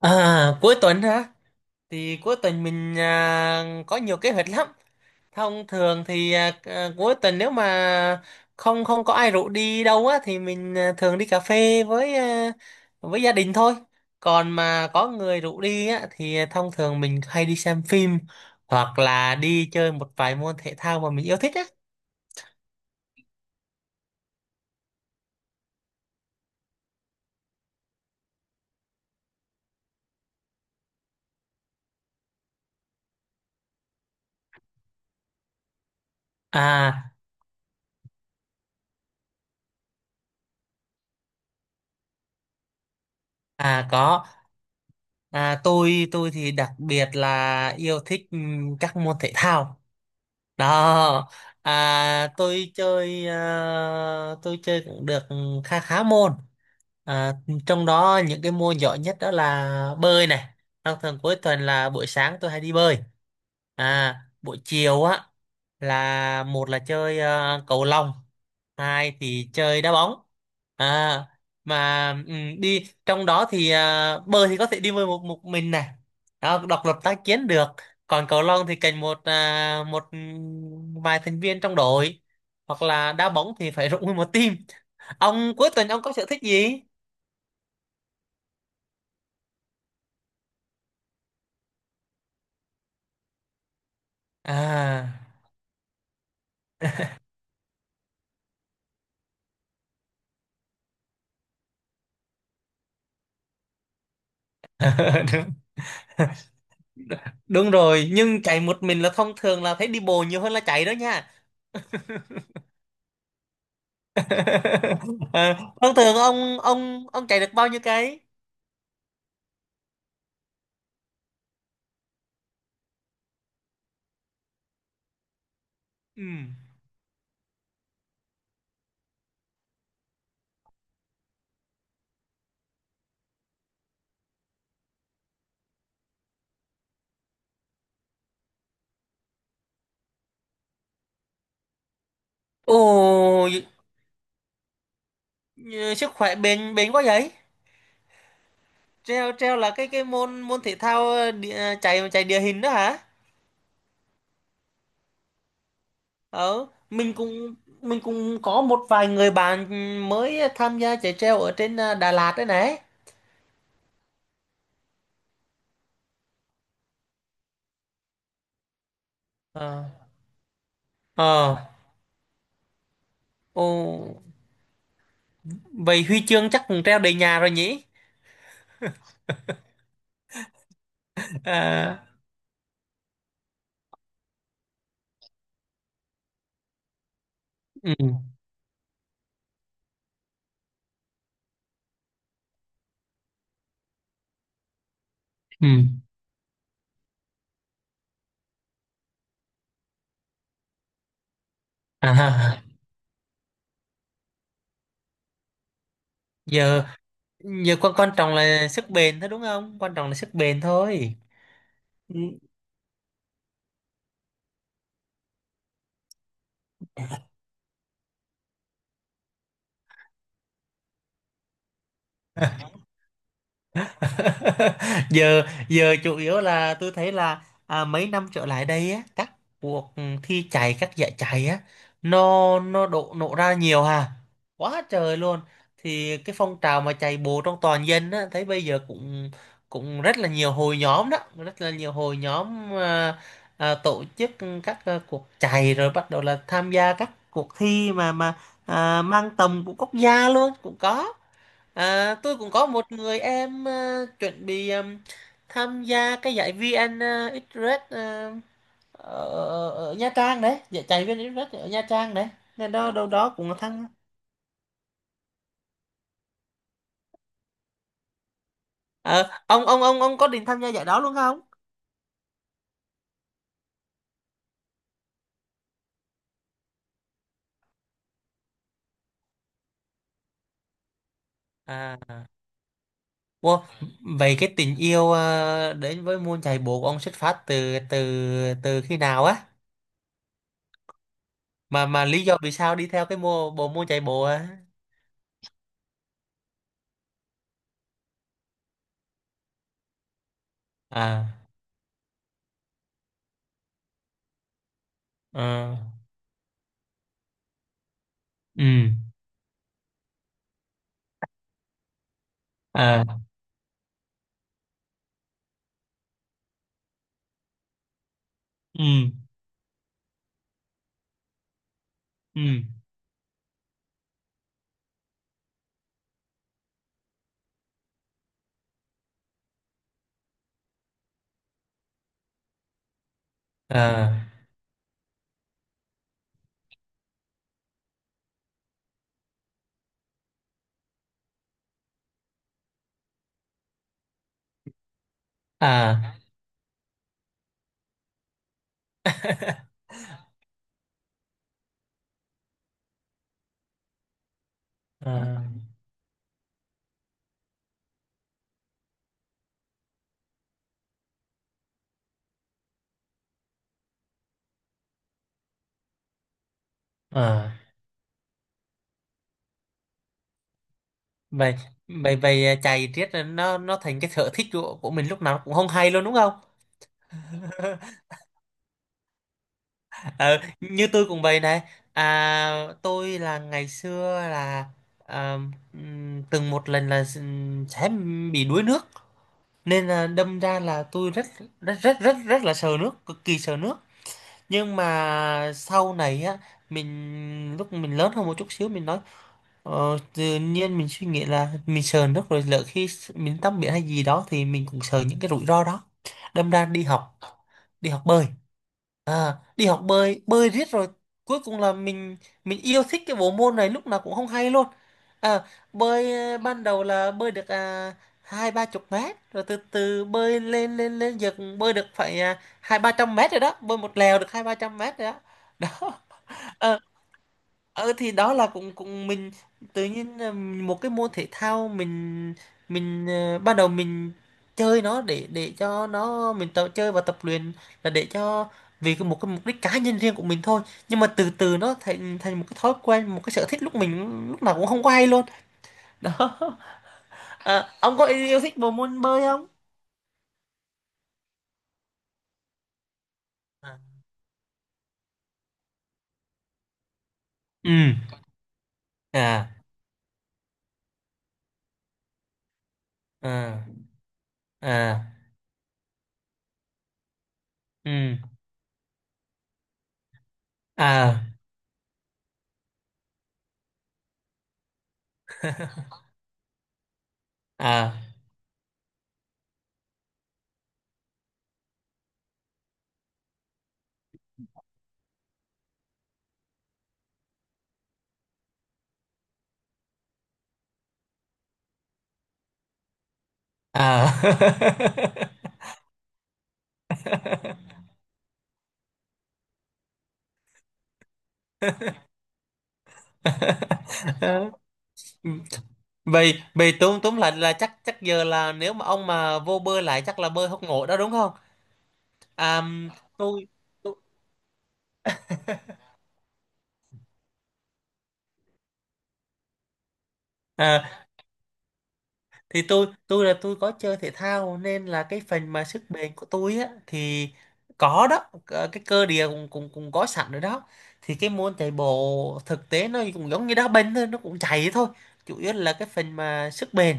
À, cuối tuần hả? Thì cuối tuần mình có nhiều kế hoạch lắm. Thông thường thì cuối tuần nếu mà không không có ai rủ đi đâu á thì mình thường đi cà phê với gia đình thôi. Còn mà có người rủ đi á thì thông thường mình hay đi xem phim hoặc là đi chơi một vài môn thể thao mà mình yêu thích á. À, à, có. À, tôi thì đặc biệt là yêu thích các môn thể thao. Đó, tôi chơi cũng được khá khá môn. À, trong đó những cái môn giỏi nhất đó là bơi này. Thường thường cuối tuần là buổi sáng tôi hay đi bơi. À, buổi chiều á là một là chơi cầu lông, hai thì chơi đá bóng. À, mà đi trong đó thì bơi thì có thể đi bơi một một mình này. Đó, độc lập tác chiến được, còn cầu lông thì cần một vài thành viên trong đội, hoặc là đá bóng thì phải rụng nguyên một team. Ông cuối tuần, ông có sở thích gì à? đúng đúng rồi, nhưng chạy một mình là thông thường là thấy đi bộ nhiều hơn là chạy đó nha. Thông thường ông chạy được bao nhiêu cái? Ừ. Ồ. Ừ, sức khỏe bền bền quá vậy. Treo treo là cái môn môn thể thao ờ, địa, à, chạy chạy địa hình đó hả? Ờ, mình cũng có một vài người bạn mới tham gia chạy treo ở trên Đà Lạt đấy này. Ờ. Ờ. Ồ, vậy huy chương chắc cũng treo đầy nhà rồi nhỉ? À, ừ. Ừ. À, giờ giờ quan quan trọng là sức bền thôi đúng không? Quan trọng là sức bền thôi. giờ giờ chủ yếu là tôi thấy là mấy năm trở lại đây á, các cuộc thi chạy, các giải chạy á, nó độ nổ ra nhiều hà quá trời luôn. Thì cái phong trào mà chạy bộ trong toàn dân á thấy bây giờ cũng cũng rất là nhiều hội nhóm đó, rất là nhiều hội nhóm tổ chức các cuộc chạy, rồi bắt đầu là tham gia các cuộc thi mà mang tầm của quốc gia luôn cũng có. À, tôi cũng có một người em chuẩn bị tham gia cái giải VN Express ở Nha Trang đấy, giải chạy VN Express ở Nha Trang đấy. Nên đó đâu đó cũng là tham. Ờ, ông có định tham gia giải đó luôn không? À, wow. Vậy cái tình yêu đến với môn chạy bộ của ông xuất phát từ từ từ khi nào á? Mà lý do vì sao đi theo cái bộ môn chạy bộ á? À, ờ, ừ, à, ừ, ừ, à. À, à, à. Vậy vậy vậy chạy riết là nó thành cái sở thích của mình lúc nào cũng không hay luôn đúng không? Ờ, như tôi cũng vậy này. À, tôi là ngày xưa là à, từng một lần là sẽ bị đuối nước, nên là đâm ra là tôi rất rất rất rất rất là sợ nước, cực kỳ sợ nước. Nhưng mà sau này á, lúc mình lớn hơn một chút xíu, mình nói Ờ, tự nhiên mình suy nghĩ là mình sợ nước, rồi lỡ khi mình tắm biển hay gì đó thì mình cũng sợ những cái rủi ro đó, đâm ra đi học bơi, đi học bơi bơi riết rồi cuối cùng là mình yêu thích cái bộ môn này lúc nào cũng không hay luôn. À, bơi, ban đầu là bơi được, hai ba chục mét, rồi từ từ bơi lên lên lên giờ cũng bơi được phải hai ba trăm mét rồi đó, bơi một lèo được hai ba trăm mét rồi đó đó. Ờ thì đó là cũng cũng mình tự nhiên là một cái môn thể thao ban đầu mình chơi nó để cho nó mình tập chơi và tập luyện, là để cho vì một cái mục đích cá nhân riêng của mình thôi. Nhưng mà từ từ nó thành thành một cái thói quen, một cái sở thích lúc nào cũng không có hay luôn. Đó. À, ông có yêu thích bộ môn bơi không? À. Ừ, à, à, à, ừ, à, à, à. vậy vậy tốn tốn lại là chắc chắc giờ là nếu mà ông mà vô bơi lại chắc là bơi hốc nổi đó đúng không? À, tôi tôi- à, thì tôi là tôi có chơi thể thao nên là cái phần mà sức bền của tôi á thì có đó. Ờ, cái cơ địa cũng cũng cũng có sẵn rồi đó. Thì cái môn chạy bộ thực tế nó cũng giống như đá banh thôi, nó cũng chạy thôi, chủ yếu là cái phần mà sức bền.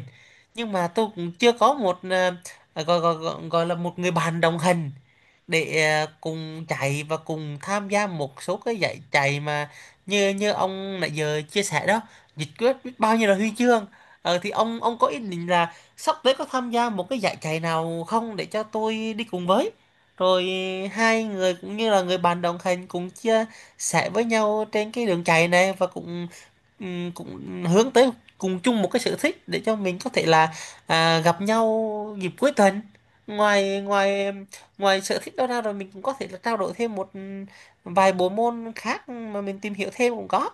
Nhưng mà tôi cũng chưa có một ờ, gọi, gọi gọi gọi là một người bạn đồng hành, để cùng chạy và cùng tham gia một số cái giải chạy mà như như ông nãy giờ chia sẻ đó, nhiệt quyết biết bao nhiêu là huy chương. Ờ, thì ông có ý định là sắp tới có tham gia một cái giải chạy nào không, để cho tôi đi cùng với, rồi hai người cũng như là người bạn đồng hành, cùng chia sẻ với nhau trên cái đường chạy này, và cũng cũng hướng tới cùng chung một cái sở thích, để cho mình có thể là gặp nhau dịp cuối tuần. Ngoài ngoài ngoài sở thích đó ra, rồi mình cũng có thể là trao đổi thêm một vài bộ môn khác mà mình tìm hiểu thêm cũng có.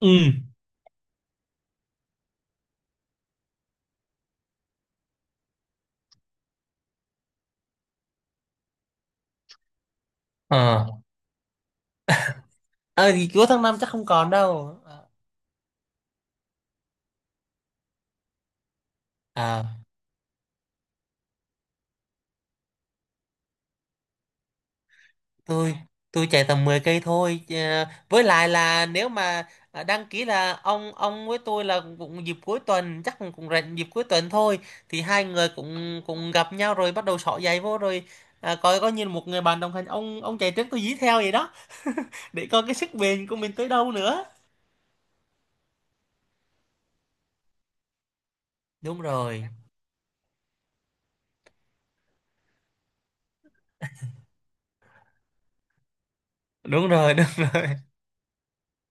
Ừ. Ờ. ờ thì cuối tháng 5 chắc không còn đâu. Ờ. À, tôi tôi chạy tầm 10 cây thôi. Ờ, với lại là nếu mà đăng ký là ông với tôi là cũng dịp cuối tuần, chắc cũng cũng rảnh dịp cuối tuần thôi, thì hai người cũng cũng gặp nhau rồi bắt đầu xỏ giày vô rồi. À, coi có như là một người bạn đồng hành, ông chạy trước tôi dí theo vậy đó, để coi cái sức bền của mình tới đâu nữa. Đúng rồi, đúng rồi. Đúng rồi.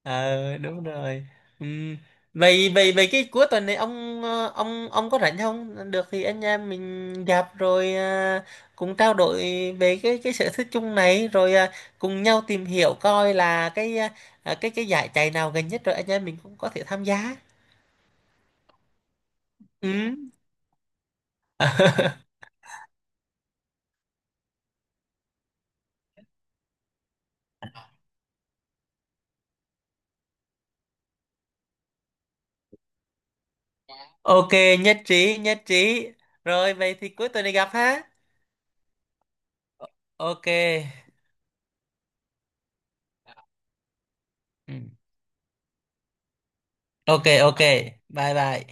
Ờ đúng rồi. Ừm, vậy vậy vậy cái cuối tuần này ông ờ, ông có rảnh không, được thì anh em mình gặp rồi cùng trao đổi về cái sở thích chung này, rồi cùng nhau tìm hiểu coi là cái à, à, cái giải chạy nào gần nhất, rồi anh em mình cũng có thể tham gia. Ừm, ok. Nhất trí, nhất trí. Rồi vậy thì cuối tuần này gặp ha. Ok. Ừm, ok, ok. Bye bye.